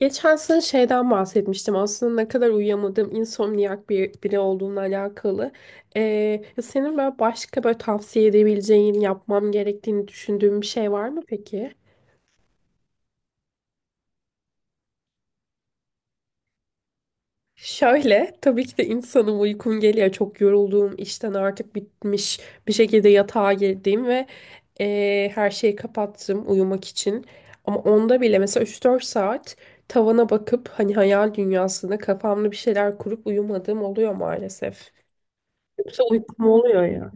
Geçen sene şeyden bahsetmiştim aslında ne kadar uyuyamadığım insomniyak bir biri olduğumla alakalı. Ee, ya senin böyle başka böyle tavsiye edebileceğin, yapmam gerektiğini düşündüğün bir şey var mı peki? Şöyle, tabii ki de insanın uykum geliyor. Çok yorulduğum, işten artık bitmiş bir şekilde yatağa girdiğim ve her şeyi kapattım uyumak için. Ama onda bile mesela 3 4 saat tavana bakıp hani hayal dünyasında kafamda bir şeyler kurup uyumadığım oluyor maalesef. Yoksa uykum oluyor ya.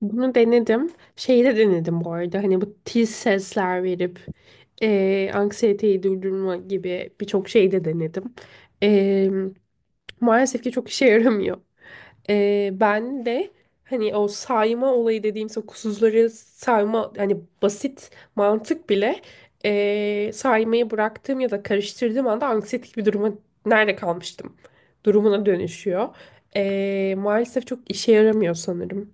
Bunu denedim. Şeyi de denedim bu arada. Hani bu tiz sesler verip anksiyeteyi durdurma gibi birçok şey de denedim. Eee, maalesef ki çok işe yaramıyor. Ben de hani o sayma olayı dediğimiz o kusurları sayma hani basit mantık bile saymayı bıraktığım ya da karıştırdığım anda anksiyetik bir duruma nerede kalmıştım durumuna dönüşüyor. Maalesef çok işe yaramıyor sanırım.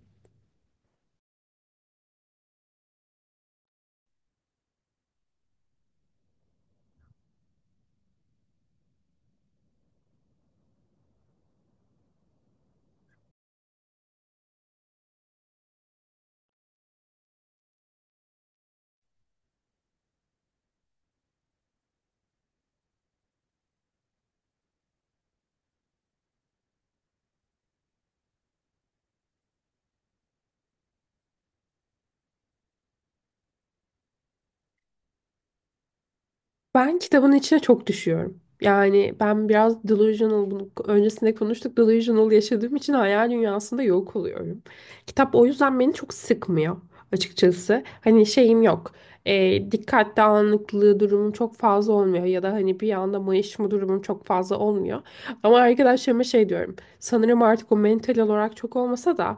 Ben kitabın içine çok düşüyorum. Yani ben biraz delusional, bunu öncesinde konuştuk, delusional yaşadığım için hayal dünyasında yok oluyorum. Kitap o yüzden beni çok sıkmıyor açıkçası. Hani şeyim yok. Dikkat dağınıklığı durumum çok fazla olmuyor ya da hani bir anda mayışma durumum çok fazla olmuyor. Ama arkadaşlarıma şey diyorum. Sanırım artık o mental olarak çok olmasa da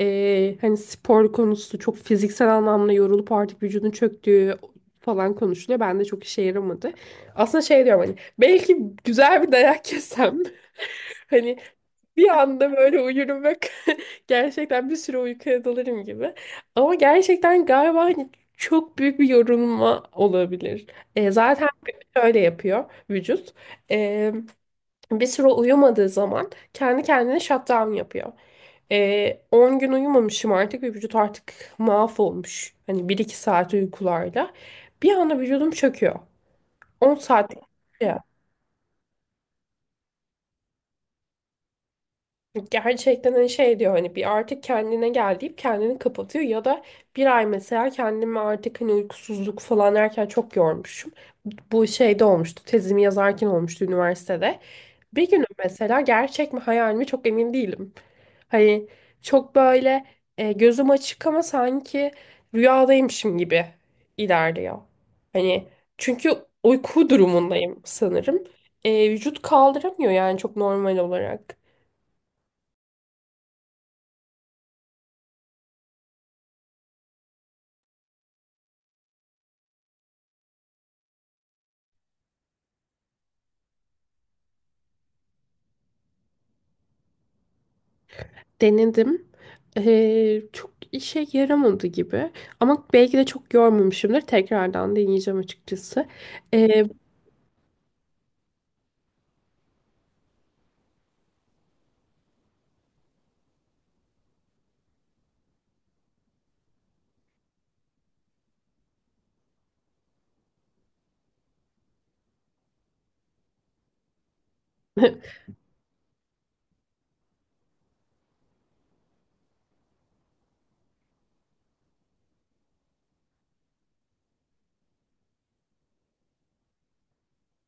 hani spor konusu çok fiziksel anlamda yorulup artık vücudun çöktüğü, falan konuşuluyor. Ben de çok işe yaramadı. Aslında şey diyorum hani belki güzel bir dayak yesem hani bir anda böyle uyurum ve gerçekten bir süre uykuya dalarım gibi. Ama gerçekten galiba hani çok büyük bir yorulma olabilir. Zaten şöyle yapıyor vücut bir süre uyumadığı zaman kendi kendine shutdown yapıyor. 10 gün uyumamışım artık ve vücut artık mahvolmuş. Hani bir iki saat uykularla. Bir anda vücudum çöküyor. 10 saat. Gerçekten hani şey diyor hani bir artık kendine gel deyip kendini kapatıyor ya da bir ay mesela kendimi artık hani uykusuzluk falan erken çok yormuşum. Bu şeyde olmuştu tezimi yazarken olmuştu üniversitede. Bir gün mesela gerçek mi hayal mi çok emin değilim. Hani çok böyle gözüm açık ama sanki rüyadaymışım gibi ilerliyor. Hani çünkü uyku durumundayım sanırım. Vücut kaldıramıyor yani çok normal olarak. Denedim. Çok işe yaramadı gibi. Ama belki de çok yormamışımdır. Tekrardan deneyeceğim açıkçası. Ee,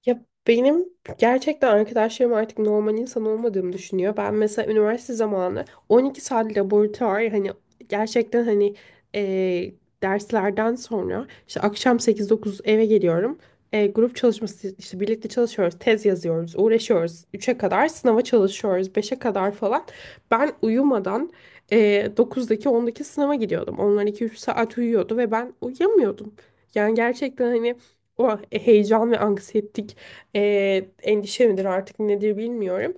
Ya benim gerçekten arkadaşlarım artık normal insan olmadığımı düşünüyor. Ben mesela üniversite zamanı 12 saat laboratuvar hani gerçekten hani eee, derslerden sonra işte akşam 8 9 eve geliyorum. Grup çalışması işte birlikte çalışıyoruz, tez yazıyoruz, uğraşıyoruz. 3'e kadar sınava çalışıyoruz, 5'e kadar falan. Ben uyumadan 9'daki 10'daki sınava gidiyordum. Onlar 2 3 saat uyuyordu ve ben uyuyamıyordum. Yani gerçekten hani o heyecan ve anksiyetik endişe midir artık nedir bilmiyorum.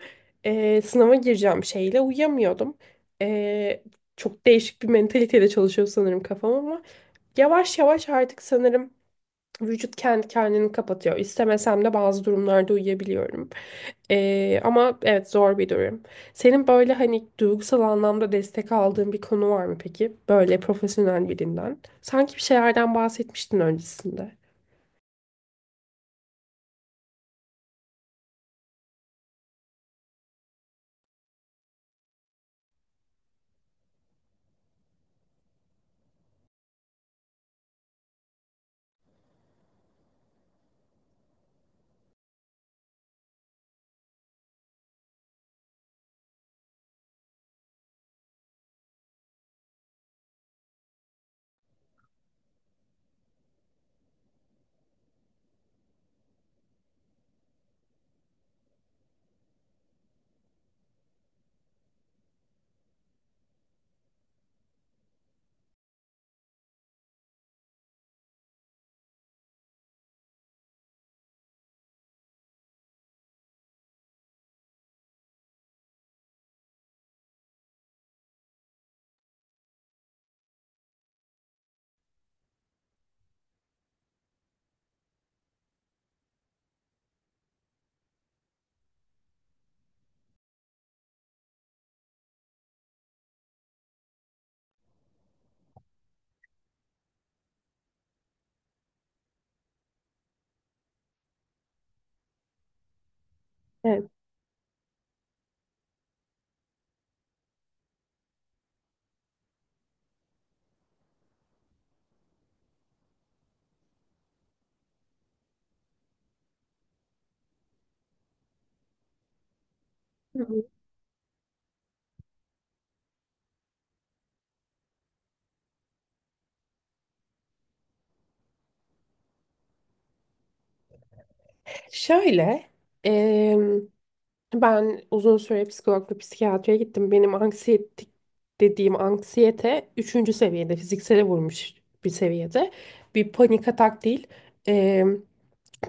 Sınava gireceğim şeyle uyuyamıyordum. Ee, çok değişik bir mentaliteyle çalışıyor sanırım kafam ama yavaş yavaş artık sanırım vücut kendi kendini kapatıyor. İstemesem de bazı durumlarda uyuyabiliyorum. Ama evet zor bir durum. Senin böyle hani duygusal anlamda destek aldığın bir konu var mı peki? Böyle profesyonel birinden. Sanki bir şeylerden bahsetmiştin öncesinde. Evet. Hı hı. Şöyle, ben uzun süre psikolog psikiyatriye gittim. Benim anksiyetik dediğim anksiyete üçüncü seviyede fiziksele vurmuş bir seviyede. Bir panik atak değil. Eee,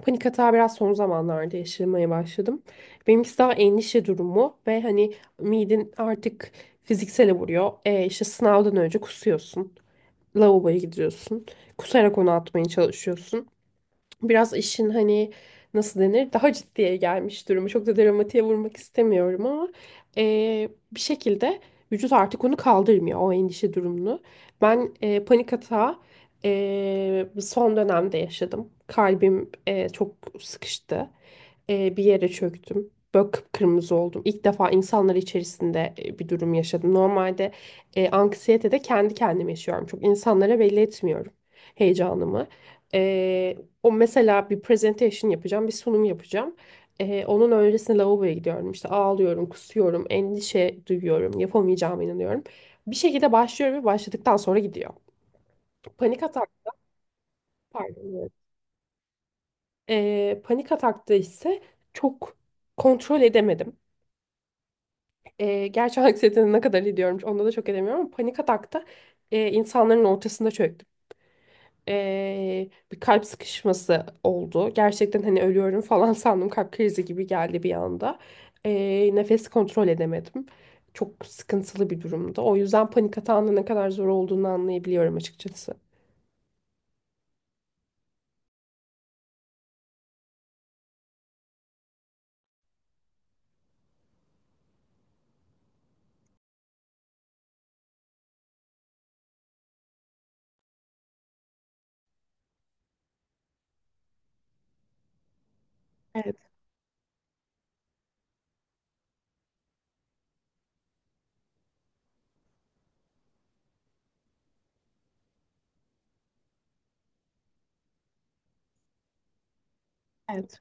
panik atağı biraz son zamanlarda yaşamaya başladım. Benimkisi daha endişe durumu ve hani miden artık fiziksele vuruyor. İşte sınavdan önce kusuyorsun. Lavaboya gidiyorsun. Kusarak onu atmaya çalışıyorsun biraz işin hani nasıl denir daha ciddiye gelmiş durumu. Çok da dramatiğe vurmak istemiyorum ama eee, bir şekilde vücut artık onu kaldırmıyor o endişe durumunu. Ben panik atağı son dönemde yaşadım. Kalbim çok sıkıştı. Bir yere çöktüm. Böyle kıpkırmızı oldum. İlk defa insanlar içerisinde bir durum yaşadım. Normalde anksiyete de kendi kendime yaşıyorum. Çok insanlara belli etmiyorum heyecanımı. O mesela bir presentation yapacağım, bir sunum yapacağım. Onun öncesinde lavaboya gidiyorum. İşte ağlıyorum, kusuyorum, endişe duyuyorum, yapamayacağıma inanıyorum. Bir şekilde başlıyorum ve başladıktan sonra gidiyor. Panik atak, pardon. Evet. Panik atakta ise çok kontrol edemedim. Gerçi anksiyetenin ne kadar ediyorum, onda da çok edemiyorum ama panik atakta insanların ortasında çöktüm. Bir kalp sıkışması oldu. Gerçekten hani ölüyorum falan sandım. Kalp krizi gibi geldi bir anda. Nefes kontrol edemedim. Çok sıkıntılı bir durumdu. O yüzden panik atağında ne kadar zor olduğunu anlayabiliyorum açıkçası. Evet, evet.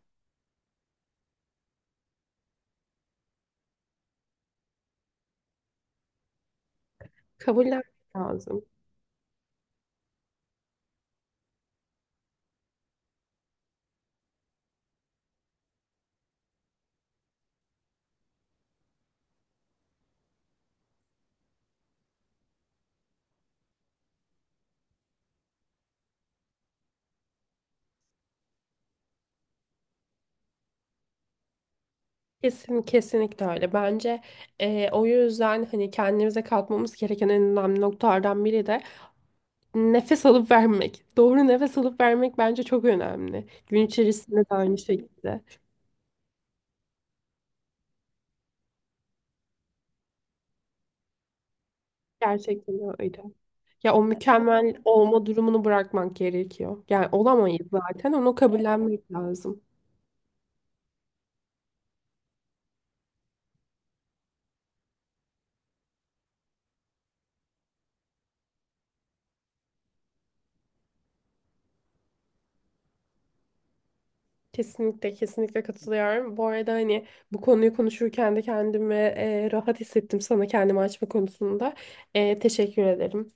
Kabullenmek lazım. Kesin, kesinlikle öyle. Bence o yüzden hani kendimize katmamız gereken en önemli noktalardan biri de nefes alıp vermek. Doğru nefes alıp vermek bence çok önemli. Gün içerisinde de aynı şekilde. Gerçekten öyle. Ya o mükemmel olma durumunu bırakmak gerekiyor. Yani olamayız zaten. Onu kabullenmek lazım. Kesinlikle, kesinlikle katılıyorum. Bu arada hani bu konuyu konuşurken de kendimi rahat hissettim sana kendimi açma konusunda. Teşekkür ederim.